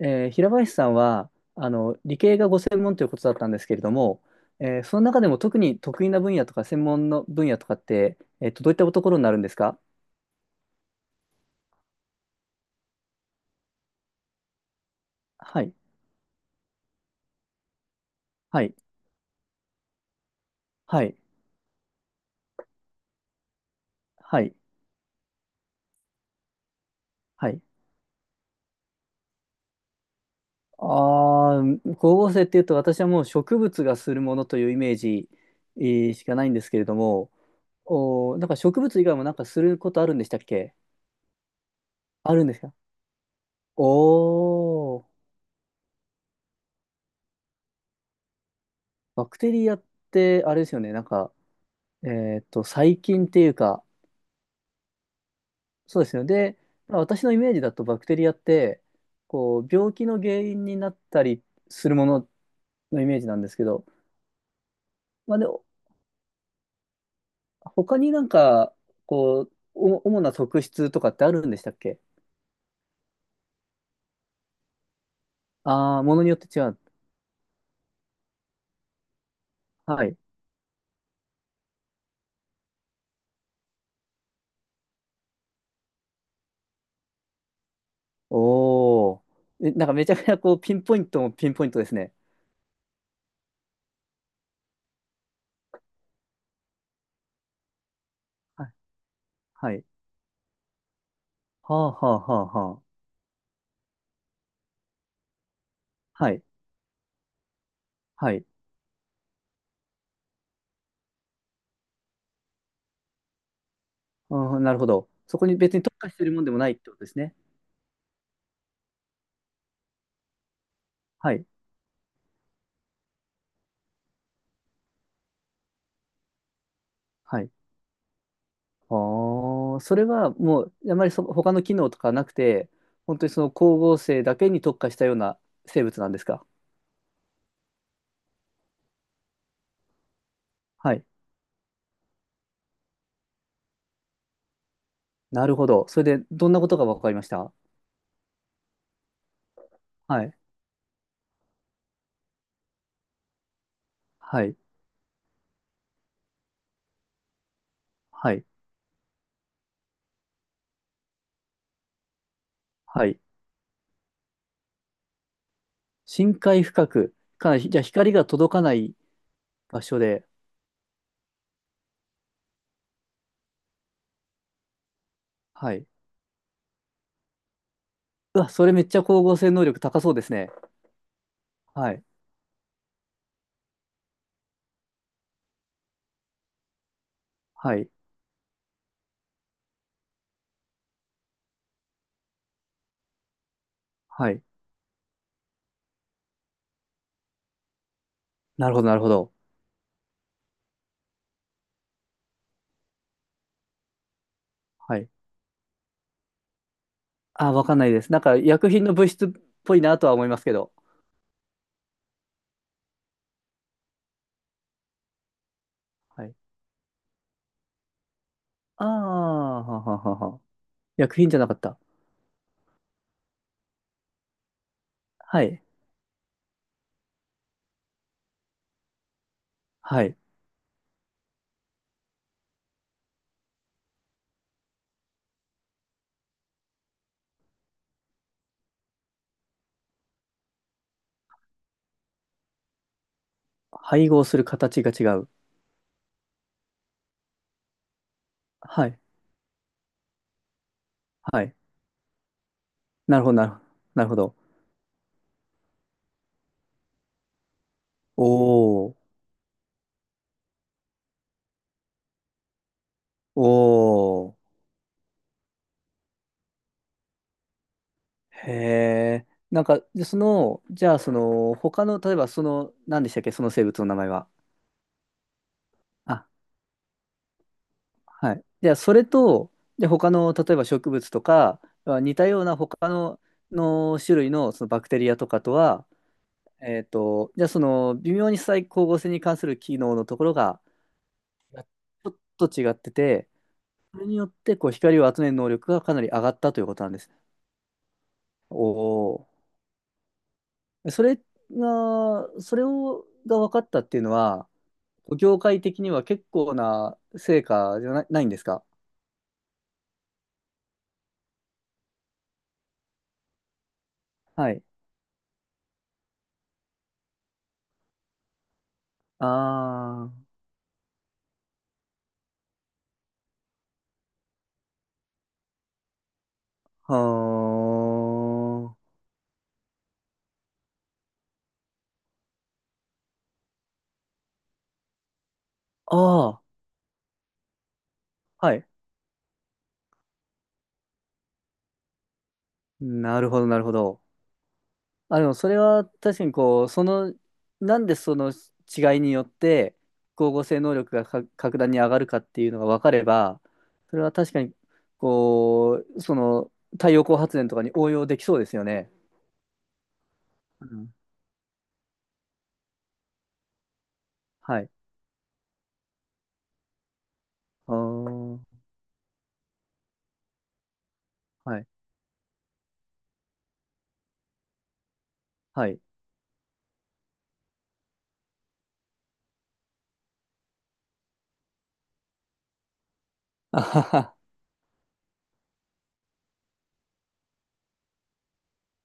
平林さんは理系がご専門ということだったんですけれども、その中でも特に得意な分野とか専門の分野とかって、どういったところになるんですか？はい、はい、はい、はい、はい。ああ、光合成っていうと私はもう植物がするものというイメージ、えしかないんですけれども、おー、なんか植物以外もなんかすることあるんでしたっけ？あるんですか？おー、バクテリアってあれですよね、なんか、細菌っていうか、そうですよ。で、まあ私のイメージだとバクテリアって、こう、病気の原因になったりするもののイメージなんですけど、まあ、で、他になんか、こう、お主な特質とかってあるんでしたっけ？ああー、ものによって違う。はい。おお。え、なんかめちゃくちゃこう、ピンポイントもピンポイントですね。はい。はい。はあはあはあはあ。はい。はい。うん、なるほど。そこに別に特化してるもんでもないってことですね。はい。はい。ああ、それはもう、あまりその他の機能とかなくて、本当にその光合成だけに特化したような生物なんですか？はい。なるほど。それで、どんなことが分かりました？はい。はい。はい。はい。深海深く、かなり、じゃあ光が届かない場所で、はい。うわ、それめっちゃ光合成能力高そうですね。はい。はい。はい。なるほど、なるほど。はい。あ、わかんないです。なんか、薬品の物質っぽいなとは思いますけど。はい。ああ、はははは。薬品じゃなかった。はい。はい。配合する形が違う。はい。はい。なるほど、なるほど。なるほど。おー。おー。へえ。なんか、でその、じゃあ、その、他の、例えば、その、何でしたっけ、その生物の名前は。あ、はい。じゃあ、それと、で、他の、例えば植物とか、似たような他の、の種類の、そのバクテリアとかとは、じゃあ、その、微妙に再光合成に関する機能のところが、ちょっと違ってて、それによって、こう、光を集める能力がかなり上がったということなんです。おお。それが、それを、が分かったっていうのは、業界的には結構な成果じゃな、ないんですか？はい。ああ、はあ、ああ、はい。なるほど、なるほど。あ、でもそれは確かにこう、その、なんでその違いによって、光合成能力が格段に上がるかっていうのが分かれば、それは確かに、こう、その、太陽光発電とかに応用できそうですよね。うん。はい。あーはい。はい。あはは。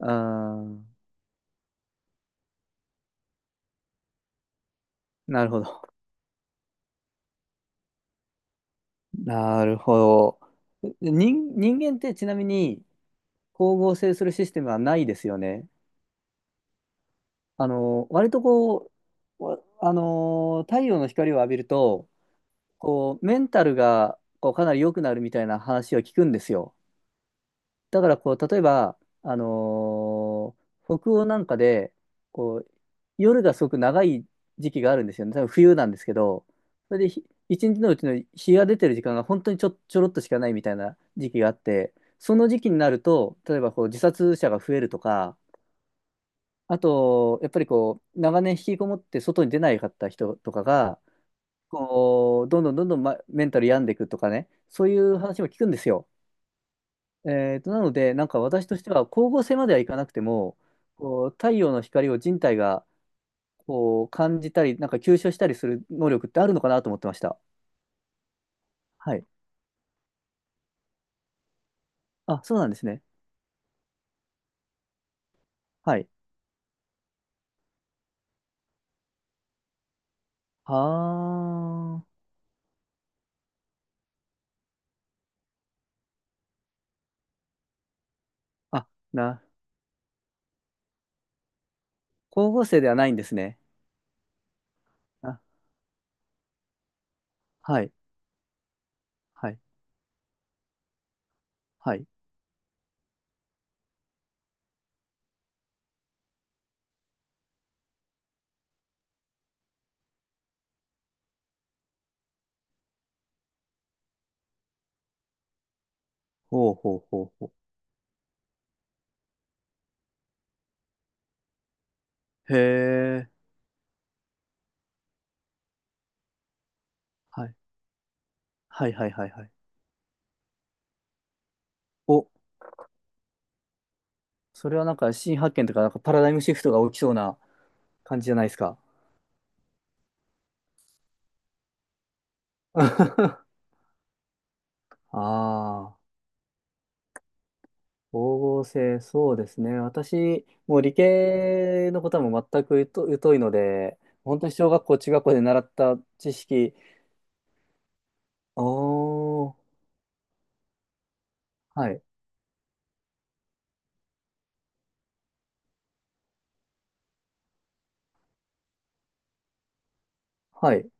あーなるほど。なるほど。人間ってちなみに光合成するシステムはないですよね。割とこう、わあの、太陽の光を浴びると、こう、メンタルがこうかなり良くなるみたいな話を聞くんですよ。だからこう、例えば、あの、北欧なんかで、こう、夜がすごく長い時期があるんですよね。多分冬なんですけど、それで一日のうちの日が出てる時間が本当にちょろっとしかないみたいな時期があって、その時期になると、例えばこう自殺者が増えるとか、あと、やっぱりこう、長年引きこもって外に出ないかった人とかが、こう、どんどんどんどん、ま、メンタル病んでいくとかね、そういう話も聞くんですよ。なので、なんか私としては、光合成まではいかなくても、こう、太陽の光を人体がこう感じたり、なんか吸収したりする能力ってあるのかなと思ってました。はい。あ、そうなんですね。はい。ああ。あ、な、光合成ではないんですね。あ、はい。はい。はい。ほうほうほうほう。へえ。はいはいはいはいはい。お、それはなんか新発見とか、なんかパラダイムシフトが起きそうな感じじゃないですか。ああ、光合成、そうですね。私、もう理系のことはもう全く疎いので、本当に小学校、中学校で習った知識、おー、はい、はい、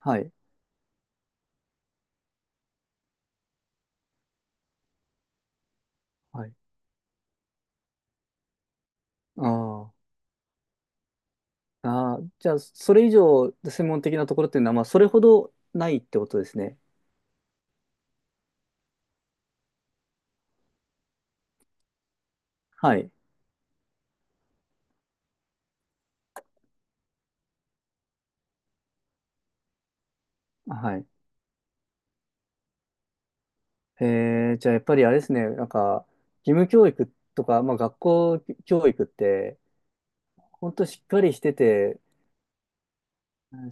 はい、はい。あーあー、じゃあ、それ以上専門的なところっていうのは、まあ、それほどないってことですね。はい、はい。じゃあやっぱりあれですね、なんか、義務教育とか、まあ学校教育って、本当しっかりしてて、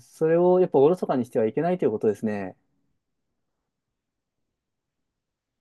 それをやっぱおろそかにしてはいけないということですね。